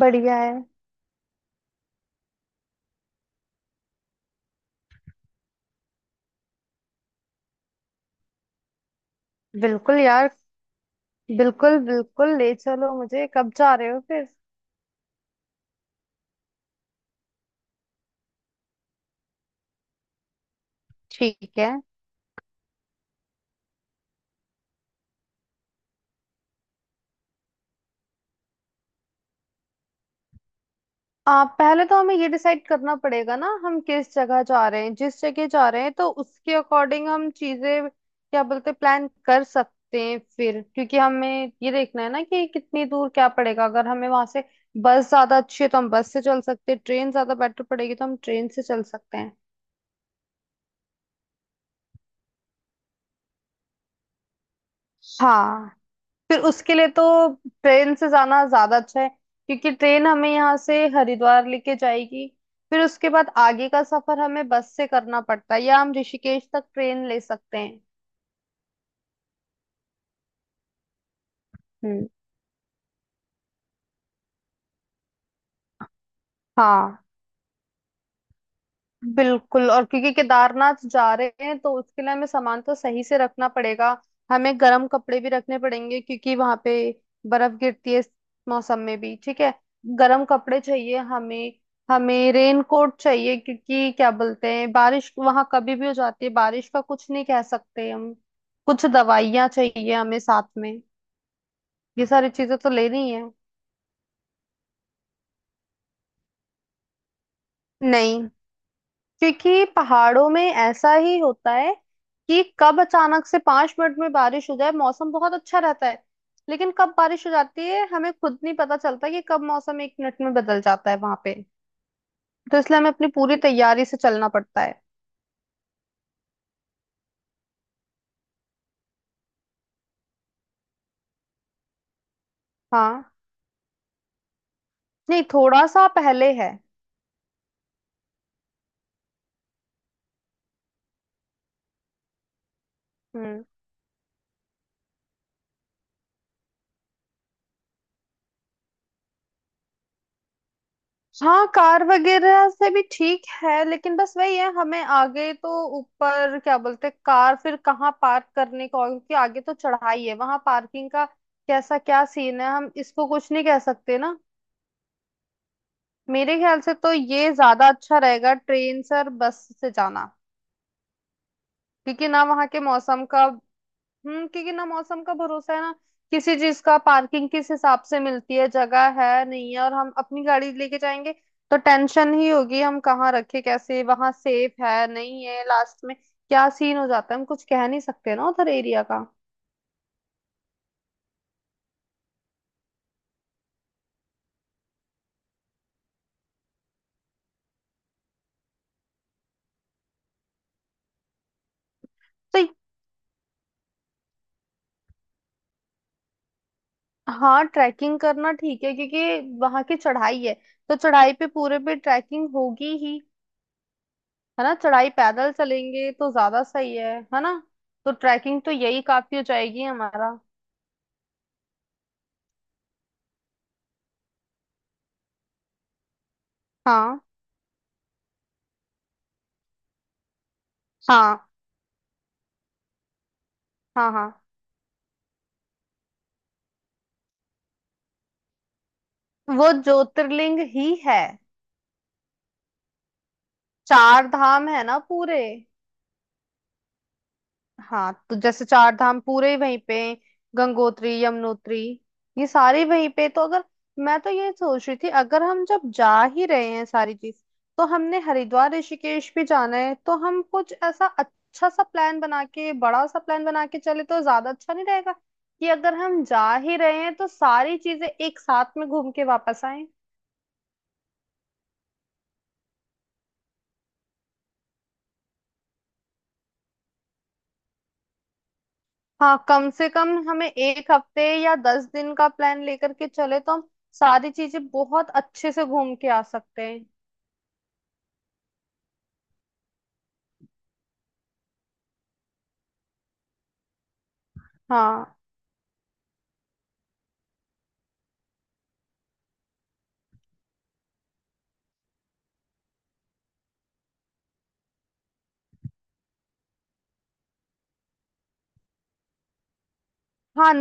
बढ़िया है। बिल्कुल यार, बिल्कुल बिल्कुल ले चलो, मुझे कब जा रहे हो फिर? ठीक है। आप पहले तो हमें ये डिसाइड करना पड़ेगा ना हम किस जगह जा रहे हैं, जिस जगह जा रहे हैं तो उसके अकॉर्डिंग हम चीजें क्या बोलते प्लान कर सकते हैं फिर, क्योंकि हमें ये देखना है ना कि कितनी दूर क्या पड़ेगा। अगर हमें वहां से बस ज्यादा अच्छी है तो हम बस से चल सकते हैं, ट्रेन ज्यादा बेटर पड़ेगी तो हम ट्रेन से चल सकते हैं। हाँ। फिर उसके लिए तो ट्रेन से जाना ज्यादा अच्छा है, क्योंकि ट्रेन हमें यहाँ से हरिद्वार लेके जाएगी। फिर उसके बाद आगे का सफर हमें बस से करना पड़ता है या हम ऋषिकेश तक ट्रेन ले सकते हैं। हम्म। हाँ, बिल्कुल, और क्योंकि केदारनाथ जा रहे हैं तो उसके लिए हमें सामान तो सही से रखना पड़ेगा। हमें गर्म कपड़े भी रखने पड़ेंगे क्योंकि वहां पे बर्फ गिरती है इस मौसम में भी। ठीक है, गर्म कपड़े चाहिए हमें। हमें रेन कोट चाहिए क्योंकि क्या बोलते हैं बारिश वहां कभी भी हो जाती है, बारिश का कुछ नहीं कह सकते हम। कुछ दवाइयाँ चाहिए हमें साथ में, ये सारी चीजें तो लेनी है। नहीं, क्योंकि पहाड़ों में ऐसा ही होता है कि कब अचानक से 5 मिनट में बारिश हो जाए। मौसम बहुत अच्छा रहता है लेकिन कब बारिश हो जाती है हमें खुद नहीं पता चलता, कि कब मौसम एक मिनट में बदल जाता है वहां पे। तो इसलिए हमें अपनी पूरी तैयारी से चलना पड़ता है। हाँ, नहीं थोड़ा सा पहले है। हम्म। हाँ कार वगैरह से भी ठीक है, लेकिन बस वही है हमें आगे तो ऊपर क्या बोलते हैं कार फिर कहाँ पार्क करने का, और क्योंकि आगे तो चढ़ाई है वहां पार्किंग का कैसा क्या सीन है हम इसको कुछ नहीं कह सकते ना। मेरे ख्याल से तो ये ज्यादा अच्छा रहेगा ट्रेन से और बस से जाना, क्योंकि ना वहाँ के मौसम का। हम्म, क्योंकि ना मौसम का भरोसा है ना किसी चीज का। पार्किंग किस हिसाब से मिलती है, जगह है नहीं है, और हम अपनी गाड़ी लेके जाएंगे तो टेंशन ही होगी हम कहाँ रखे, कैसे, वहां सेफ है नहीं है, लास्ट में क्या सीन हो जाता है हम कुछ कह नहीं सकते ना उधर एरिया का। तो हाँ, ट्रैकिंग करना ठीक है क्योंकि वहां की चढ़ाई है तो चढ़ाई पे पूरे पे ट्रैकिंग होगी ही, है ना, चढ़ाई पैदल चलेंगे तो ज्यादा सही है ना। तो ट्रैकिंग तो यही काफी हो जाएगी हमारा। हाँ। हाँ। हाँ। हाँ, वो ज्योतिर्लिंग ही है। चार धाम है ना पूरे। हाँ तो जैसे चार धाम पूरे ही वहीं पे, गंगोत्री यमुनोत्री, ये सारे वहीं पे, तो अगर मैं तो ये सोच रही थी अगर हम जब जा ही रहे हैं सारी चीज, तो हमने हरिद्वार ऋषिकेश भी जाना है तो हम कुछ ऐसा अच्छा सा प्लान बना के, बड़ा सा प्लान बना के चले तो ज्यादा अच्छा नहीं रहेगा? कि अगर हम जा ही रहे हैं तो सारी चीजें एक साथ में घूम के वापस आए। हाँ, कम से कम हमें एक हफ्ते या 10 दिन का प्लान लेकर के चले तो हम सारी चीजें बहुत अच्छे से घूम के आ सकते हैं। हाँ। हाँ,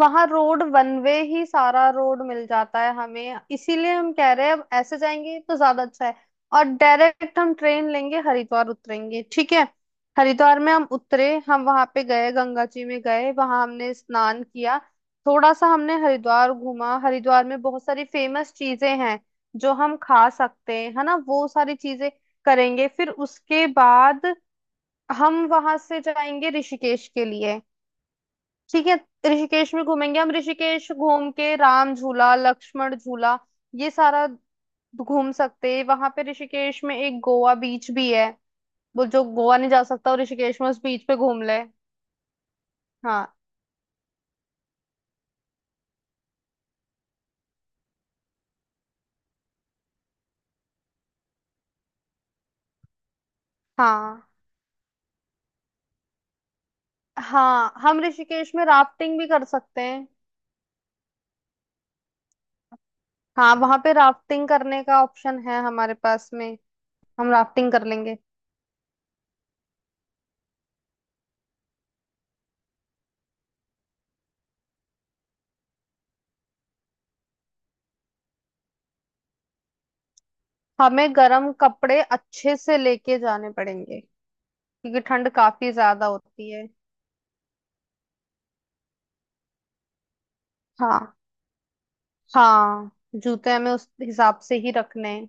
वहां रोड वन वे ही सारा रोड मिल जाता है हमें, इसीलिए हम कह रहे हैं अब ऐसे जाएंगे तो ज्यादा अच्छा है। और डायरेक्ट हम ट्रेन लेंगे, हरिद्वार उतरेंगे, ठीक है। हरिद्वार में हम उतरे, हम वहां पे गए, गंगा जी में गए, वहां हमने स्नान किया। थोड़ा सा हमने हरिद्वार घूमा, हरिद्वार में बहुत सारी फेमस चीजें हैं जो हम खा सकते हैं, है ना, वो सारी चीजें करेंगे। फिर उसके बाद हम वहां से जाएंगे ऋषिकेश के लिए। ठीक है, ऋषिकेश में घूमेंगे, हम ऋषिकेश घूम के राम झूला, लक्ष्मण झूला, ये सारा घूम सकते हैं। वहां पे ऋषिकेश में एक गोवा बीच भी है, वो जो गोवा नहीं जा सकता वो ऋषिकेश में उस बीच पे घूम ले। हाँ। हाँ। हाँ, हम ऋषिकेश में राफ्टिंग भी कर सकते हैं। हाँ वहां पे राफ्टिंग करने का ऑप्शन है हमारे पास में, हम राफ्टिंग कर लेंगे। हमें गर्म कपड़े अच्छे से लेके जाने पड़ेंगे क्योंकि ठंड काफी ज्यादा होती है। हाँ। हाँ, जूते हमें उस हिसाब से ही रखने हैं।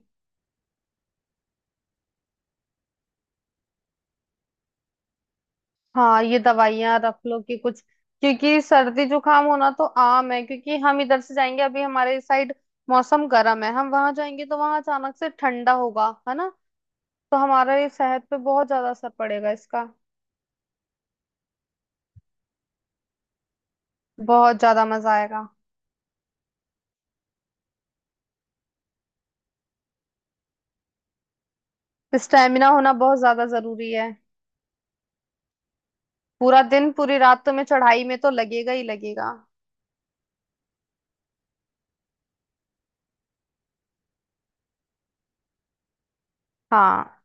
हाँ, ये दवाइयाँ रख लो कि कुछ, क्योंकि सर्दी जुकाम होना तो आम है, क्योंकि हम इधर से जाएंगे अभी हमारे साइड मौसम गर्म है, हम वहां जाएंगे तो वहां अचानक से ठंडा होगा, है ना, तो हमारा ये सेहत पे बहुत ज्यादा असर पड़ेगा इसका। बहुत ज्यादा मजा आएगा। स्टेमिना होना बहुत ज्यादा जरूरी है। पूरा दिन पूरी रात तुम्हें चढ़ाई में तो लगेगा ही लगेगा। हाँ,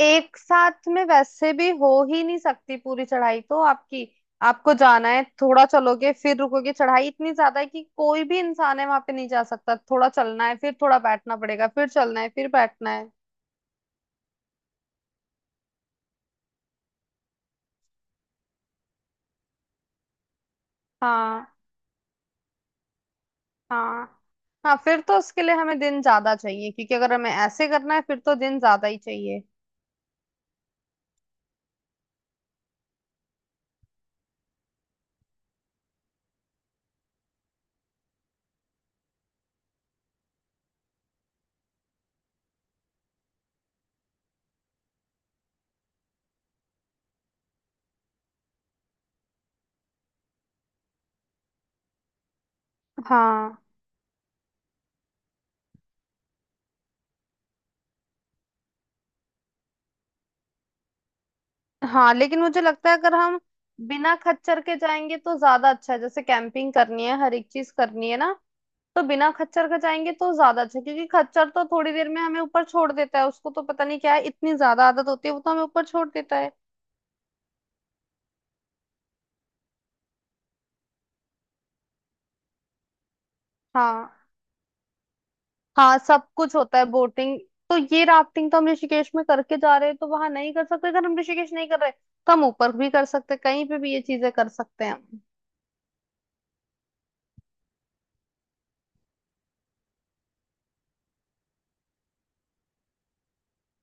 एक साथ में वैसे भी हो ही नहीं सकती पूरी चढ़ाई तो आपकी, आपको जाना है थोड़ा चलोगे फिर रुकोगे, चढ़ाई इतनी ज्यादा है कि कोई भी इंसान है वहां पे नहीं जा सकता, थोड़ा चलना है फिर थोड़ा बैठना पड़ेगा, फिर चलना है फिर बैठना है। हाँ। हाँ। हाँ फिर तो उसके लिए हमें दिन ज्यादा चाहिए, क्योंकि अगर हमें ऐसे करना है फिर तो दिन ज्यादा ही चाहिए। हाँ। हाँ लेकिन मुझे लगता है अगर हम बिना खच्चर के जाएंगे तो ज्यादा अच्छा है, जैसे कैंपिंग करनी है, हर एक चीज करनी है ना। तो बिना खच्चर का जाएंगे तो ज्यादा अच्छा, क्योंकि खच्चर तो थोड़ी देर में हमें ऊपर छोड़ देता है, उसको तो पता नहीं क्या है, इतनी ज्यादा आदत होती है, वो तो हमें ऊपर छोड़ देता है। हाँ। हाँ सब कुछ होता है, बोटिंग। तो ये राफ्टिंग तो हम ऋषिकेश में करके जा रहे हैं तो वहां नहीं कर सकते, अगर हम ऋषिकेश नहीं कर रहे तो हम ऊपर भी कर सकते हैं, कहीं पे भी ये चीजें कर सकते हैं हम।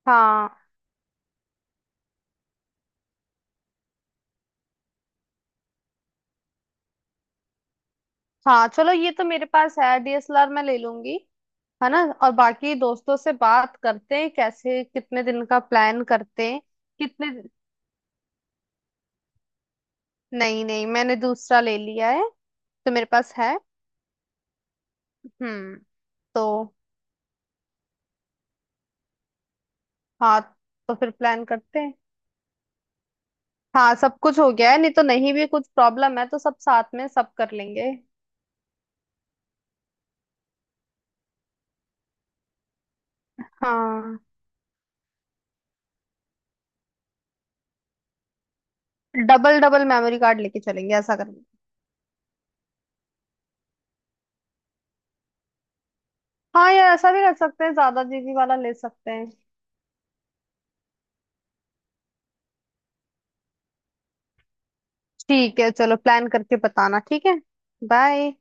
हाँ। हाँ, चलो ये तो मेरे पास है डीएसएलआर, मैं ले लूंगी। है ना, और बाकी दोस्तों से बात करते हैं कैसे कितने दिन का प्लान करते हैं। कितने? नहीं नहीं, मैंने दूसरा ले लिया है, तो मेरे पास है। हम्म। तो हाँ, तो फिर प्लान करते हैं। हाँ सब कुछ हो गया है, नहीं तो नहीं, भी कुछ प्रॉब्लम है तो सब साथ में सब कर लेंगे। हाँ, डबल डबल मेमोरी कार्ड लेके चलेंगे, ऐसा करेंगे। हाँ यार, ऐसा भी कर सकते हैं, ज्यादा जीबी वाला ले सकते हैं। ठीक है चलो, प्लान करके बताना, ठीक है। बाय।